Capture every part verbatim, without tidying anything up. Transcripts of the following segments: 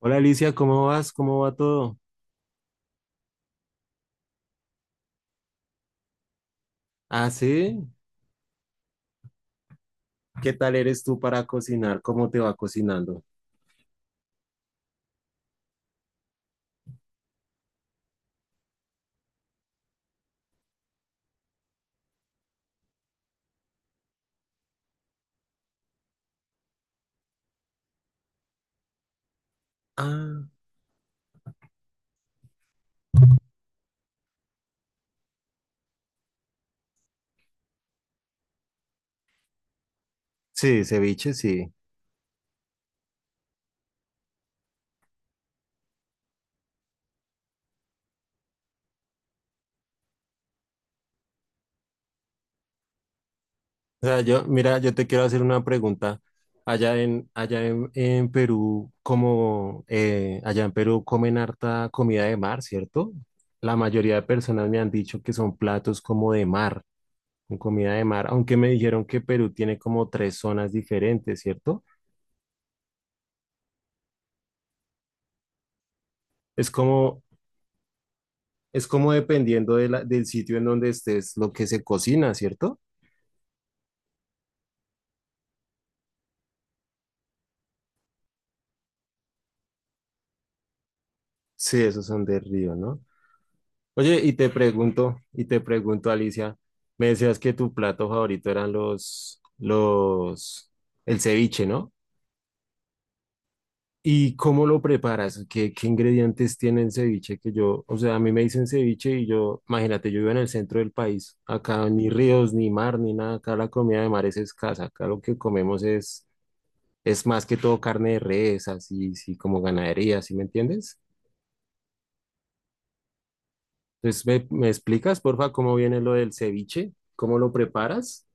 Hola Alicia, ¿cómo vas? ¿Cómo va todo? Ah, sí. ¿Qué tal eres tú para cocinar? ¿Cómo te va cocinando? Ah, sí, ceviche, sí. O sea, yo, mira, yo te quiero hacer una pregunta. Allá en, allá en, en Perú, como eh, allá en Perú comen harta comida de mar, ¿cierto? La mayoría de personas me han dicho que son platos como de mar. Con comida de mar, aunque me dijeron que Perú tiene como tres zonas diferentes, ¿cierto? Es como, es como dependiendo de la- del sitio en donde estés, lo que se cocina, ¿cierto? Sí, esos son de río, ¿no? Oye, y te pregunto, y te pregunto, Alicia, me decías que tu plato favorito eran los, los, el ceviche, ¿no? ¿Y cómo lo preparas? ¿Qué, qué ingredientes tiene el ceviche? Que yo, o sea, a mí me dicen ceviche y yo, imagínate, yo vivo en el centro del país. Acá ni ríos, ni mar, ni nada. Acá la comida de mar es escasa. Acá lo que comemos es, es más que todo carne de res, así, sí, como ganadería, ¿sí me entiendes? Entonces, ¿me, me explicas, porfa, cómo viene lo del ceviche? ¿Cómo lo preparas?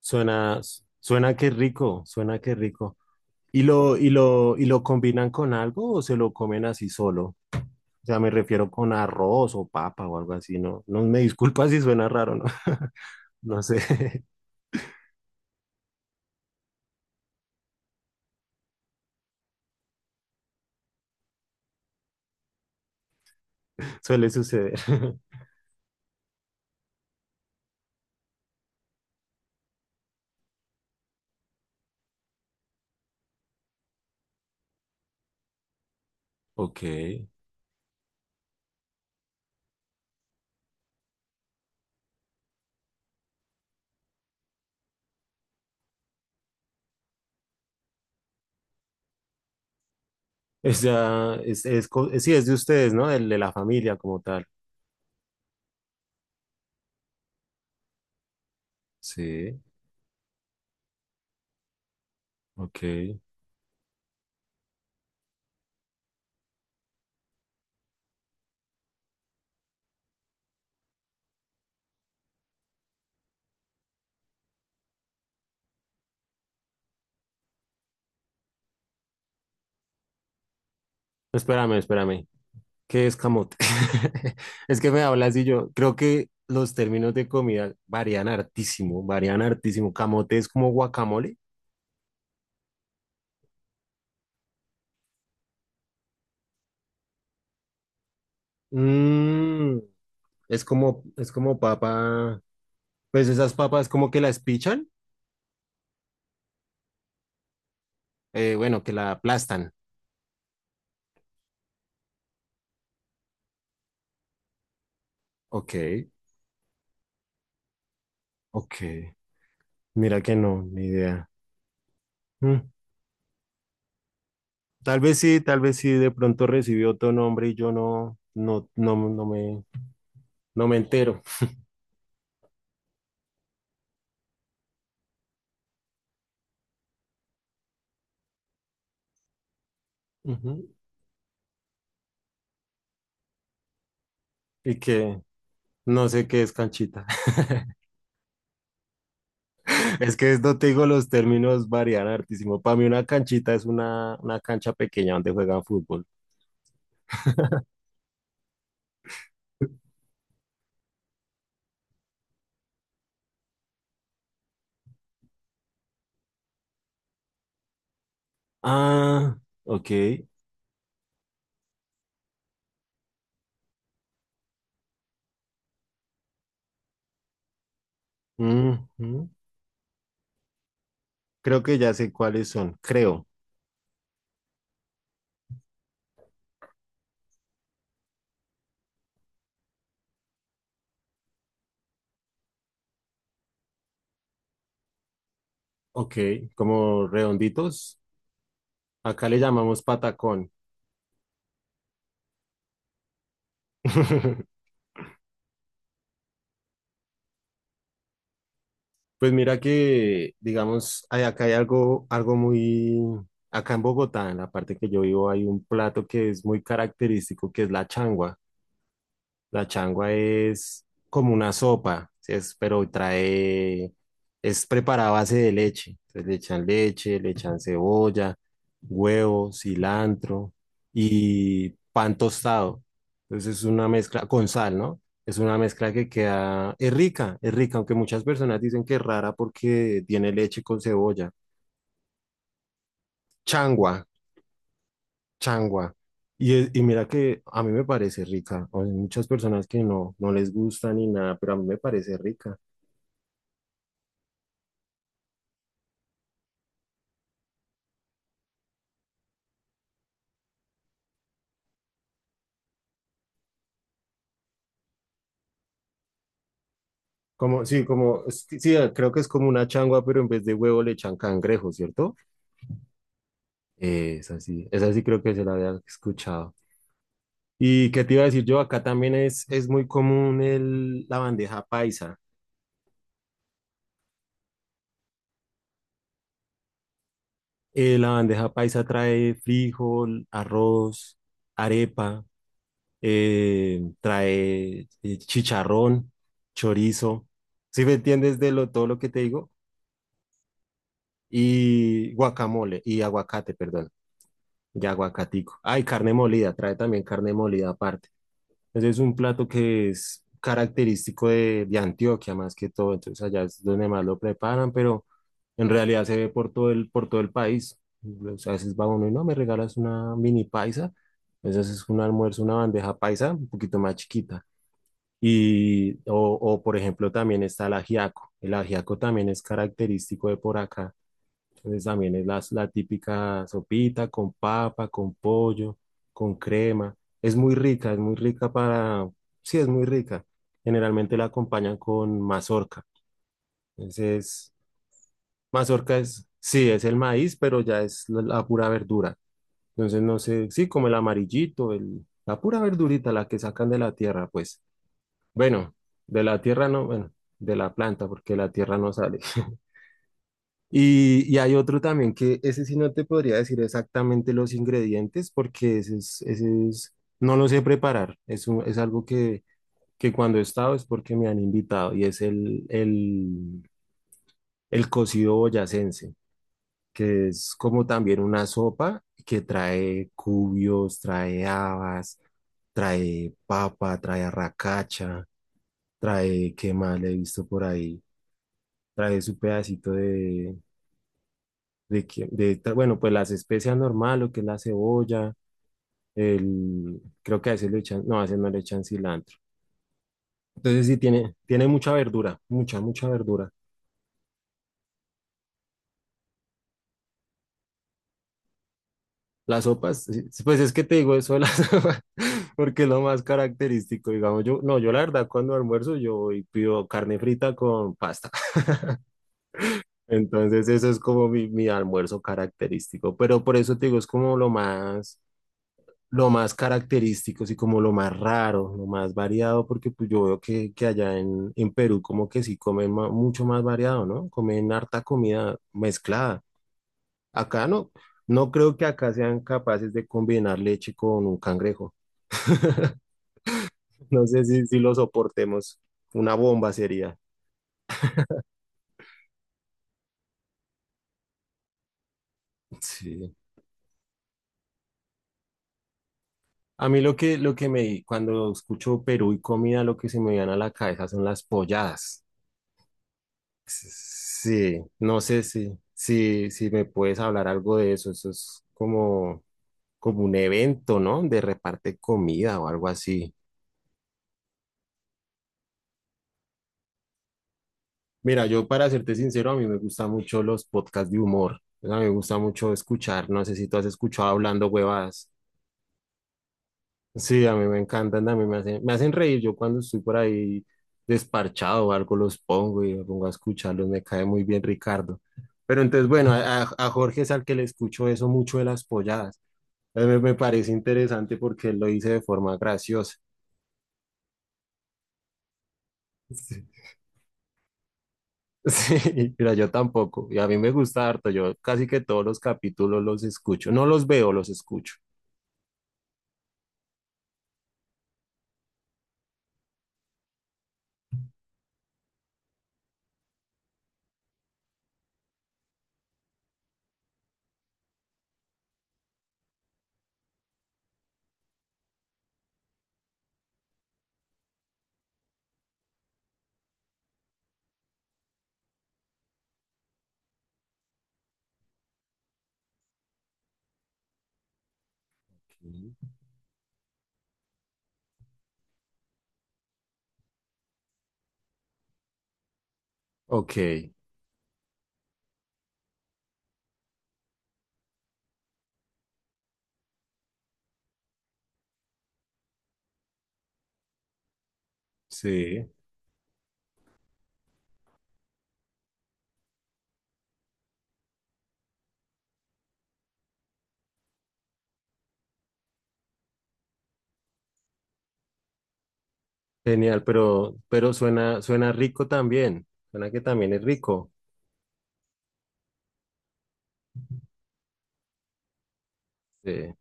Suena, suena que rico, suena que rico. ¿Y lo, y lo, y lo combinan con algo o se lo comen así solo? O sea, me refiero con arroz o papa o algo así, ¿no? No me disculpa si suena raro, ¿no? No sé, suele suceder. Ok. O sea, es, es, co- sí, es de ustedes, ¿no? Del- de la familia como tal. Sí, ok. Espérame, espérame. ¿Qué es camote? Es que me hablas y yo creo que los términos de comida varían hartísimo, varían hartísimo. Camote es como guacamole. Mm, es como, es como papa. Pues esas papas como que las pichan. Eh, bueno, que la aplastan. Ok, ok. Mira que no, ni idea. Mm, tal vez sí, tal vez sí, de pronto recibió otro nombre y yo no, no, no, no me, no me entero. Ujú. Y que no sé qué es canchita. Es que no te digo, los términos varían hartísimo. Para mí una canchita es una, una cancha pequeña donde juegan fútbol. Ah, ok. Ujú. Creo que ya sé cuáles son, creo. Ok, como redonditos. Acá le llamamos patacón. Pues mira que, digamos, hay- acá hay algo, algo muy, acá en Bogotá, en la parte que yo vivo, hay un plato que es muy característico, que es la changua. La changua es como una sopa, ¿sí? Es, pero trae, es preparada a base de leche. Entonces le echan leche, le echan cebolla, huevo, cilantro y pan tostado. Entonces es una mezcla con sal, ¿no? Es una mezcla que queda, es rica, es rica, aunque muchas personas dicen que es rara porque tiene leche con cebolla. Changua, changua. Y, es- y mira que a mí me parece rica. O sea, hay muchas personas que no, no les gusta ni nada, pero a mí me parece rica. Como, sí, como, es que- sí, creo que es como una changua, pero en vez de huevo le echan cangrejo, ¿cierto? Eh, es así, es así creo que se la había escuchado. ¿Y qué te iba a decir yo? Acá también es, es muy común el, la bandeja paisa. Eh, la bandeja paisa trae frijol, arroz, arepa, eh, trae eh, chicharrón, chorizo, ¿si me entiendes de lo, todo lo que te digo? Y guacamole, y aguacate, perdón, y aguacatico. Ay, carne molida, trae también carne molida aparte. Entonces es un plato que es característico de, de Antioquia más que todo, entonces allá es donde más lo preparan, pero en realidad se ve por todo el, por todo el país. A veces va uno y no, me regalas una mini paisa. Entonces es un almuerzo, una bandeja paisa un poquito más chiquita. Y, o, o, por ejemplo, también está el ajiaco. El ajiaco también es característico de por acá. Entonces también es la, la típica sopita con papa, con pollo, con crema. Es muy rica, es muy rica para... Sí, es muy rica. Generalmente la acompañan con mazorca. Entonces, mazorca es, sí, es el maíz, pero ya es la, la pura verdura. Entonces, no sé, sí, como el amarillito, el, la pura verdurita, la que sacan de la tierra, pues. Bueno, de la tierra no, bueno, de la planta, porque la tierra no sale. Y, y hay otro también que ese sí no te podría decir exactamente los ingredientes, porque ese es, ese es, no lo sé preparar. Es, un- es algo que, que cuando he estado es porque me han invitado y es el, el, el cocido boyacense, que es como también una sopa que trae cubios, trae habas, trae papa, trae arracacha, trae, ¿qué más le he visto por ahí? Trae su pedacito de, de, que- de ta- bueno, pues las especias normal, lo que es la cebolla, el, creo que a veces le echan, no, a veces no le echan cilantro. Entonces sí tiene, tiene mucha verdura, mucha, mucha verdura. Las sopas, sí, sí, pues es que te digo eso de las sopas, porque es lo más característico, digamos, yo, no, yo la verdad cuando almuerzo yo voy y pido carne frita con pasta. Entonces eso es como mi, mi almuerzo característico, pero por eso te digo, es como lo más, lo más característico, y como lo más raro, lo más variado, porque pues yo veo que, que allá en, en Perú como que sí comen ma- mucho más variado, ¿no? Comen harta comida mezclada. Acá no, no creo que acá sean capaces de combinar leche con un cangrejo. No sé si, si lo soportemos. Una bomba sería. Sí. A mí lo que, lo que me, cuando escucho Perú y comida, lo que se me viene a la cabeza son las polladas. Sí, no sé si, si, si me puedes hablar algo de eso. Eso es como, como un evento, ¿no? De reparte comida o algo así. Mira, yo para serte sincero, a mí me gustan mucho los podcasts de humor. A mí me gusta mucho escuchar. No sé si tú has escuchado Hablando Huevadas. Sí, a mí me encantan, a mí me hacen, me hacen reír. Yo cuando estoy por ahí desparchado o algo los pongo y me pongo a escucharlos. Me cae muy bien Ricardo. Pero entonces, bueno, a, a a Jorge es al que le escucho eso mucho de las polladas. Eh, Me, me parece interesante porque él lo dice de forma graciosa. Sí, sí, mira, yo tampoco. Y a mí me gusta harto. Yo casi que todos los capítulos los escucho. No los veo, los escucho. Ok. Ok, sí, genial, pero, pero suena, suena rico también. Suena que también es rico. Sí,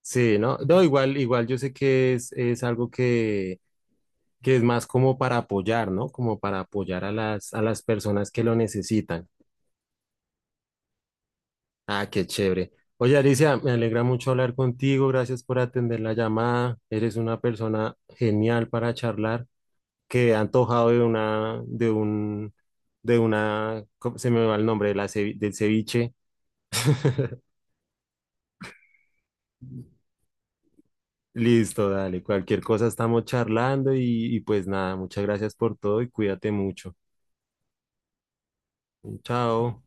sí, ¿no? No, igual, igual yo sé que es, es algo que, que es más como para apoyar, ¿no? Como para apoyar a las, a las personas que lo necesitan. Ah, qué chévere. Oye, Alicia, me alegra mucho hablar contigo. Gracias por atender la llamada. Eres una persona genial para charlar, que ha antojado de una, de un, de una, ¿cómo se me va el nombre? De la cevi- del ceviche. Listo, dale. Cualquier cosa estamos charlando y, y pues nada, muchas gracias por todo y cuídate mucho. Chao.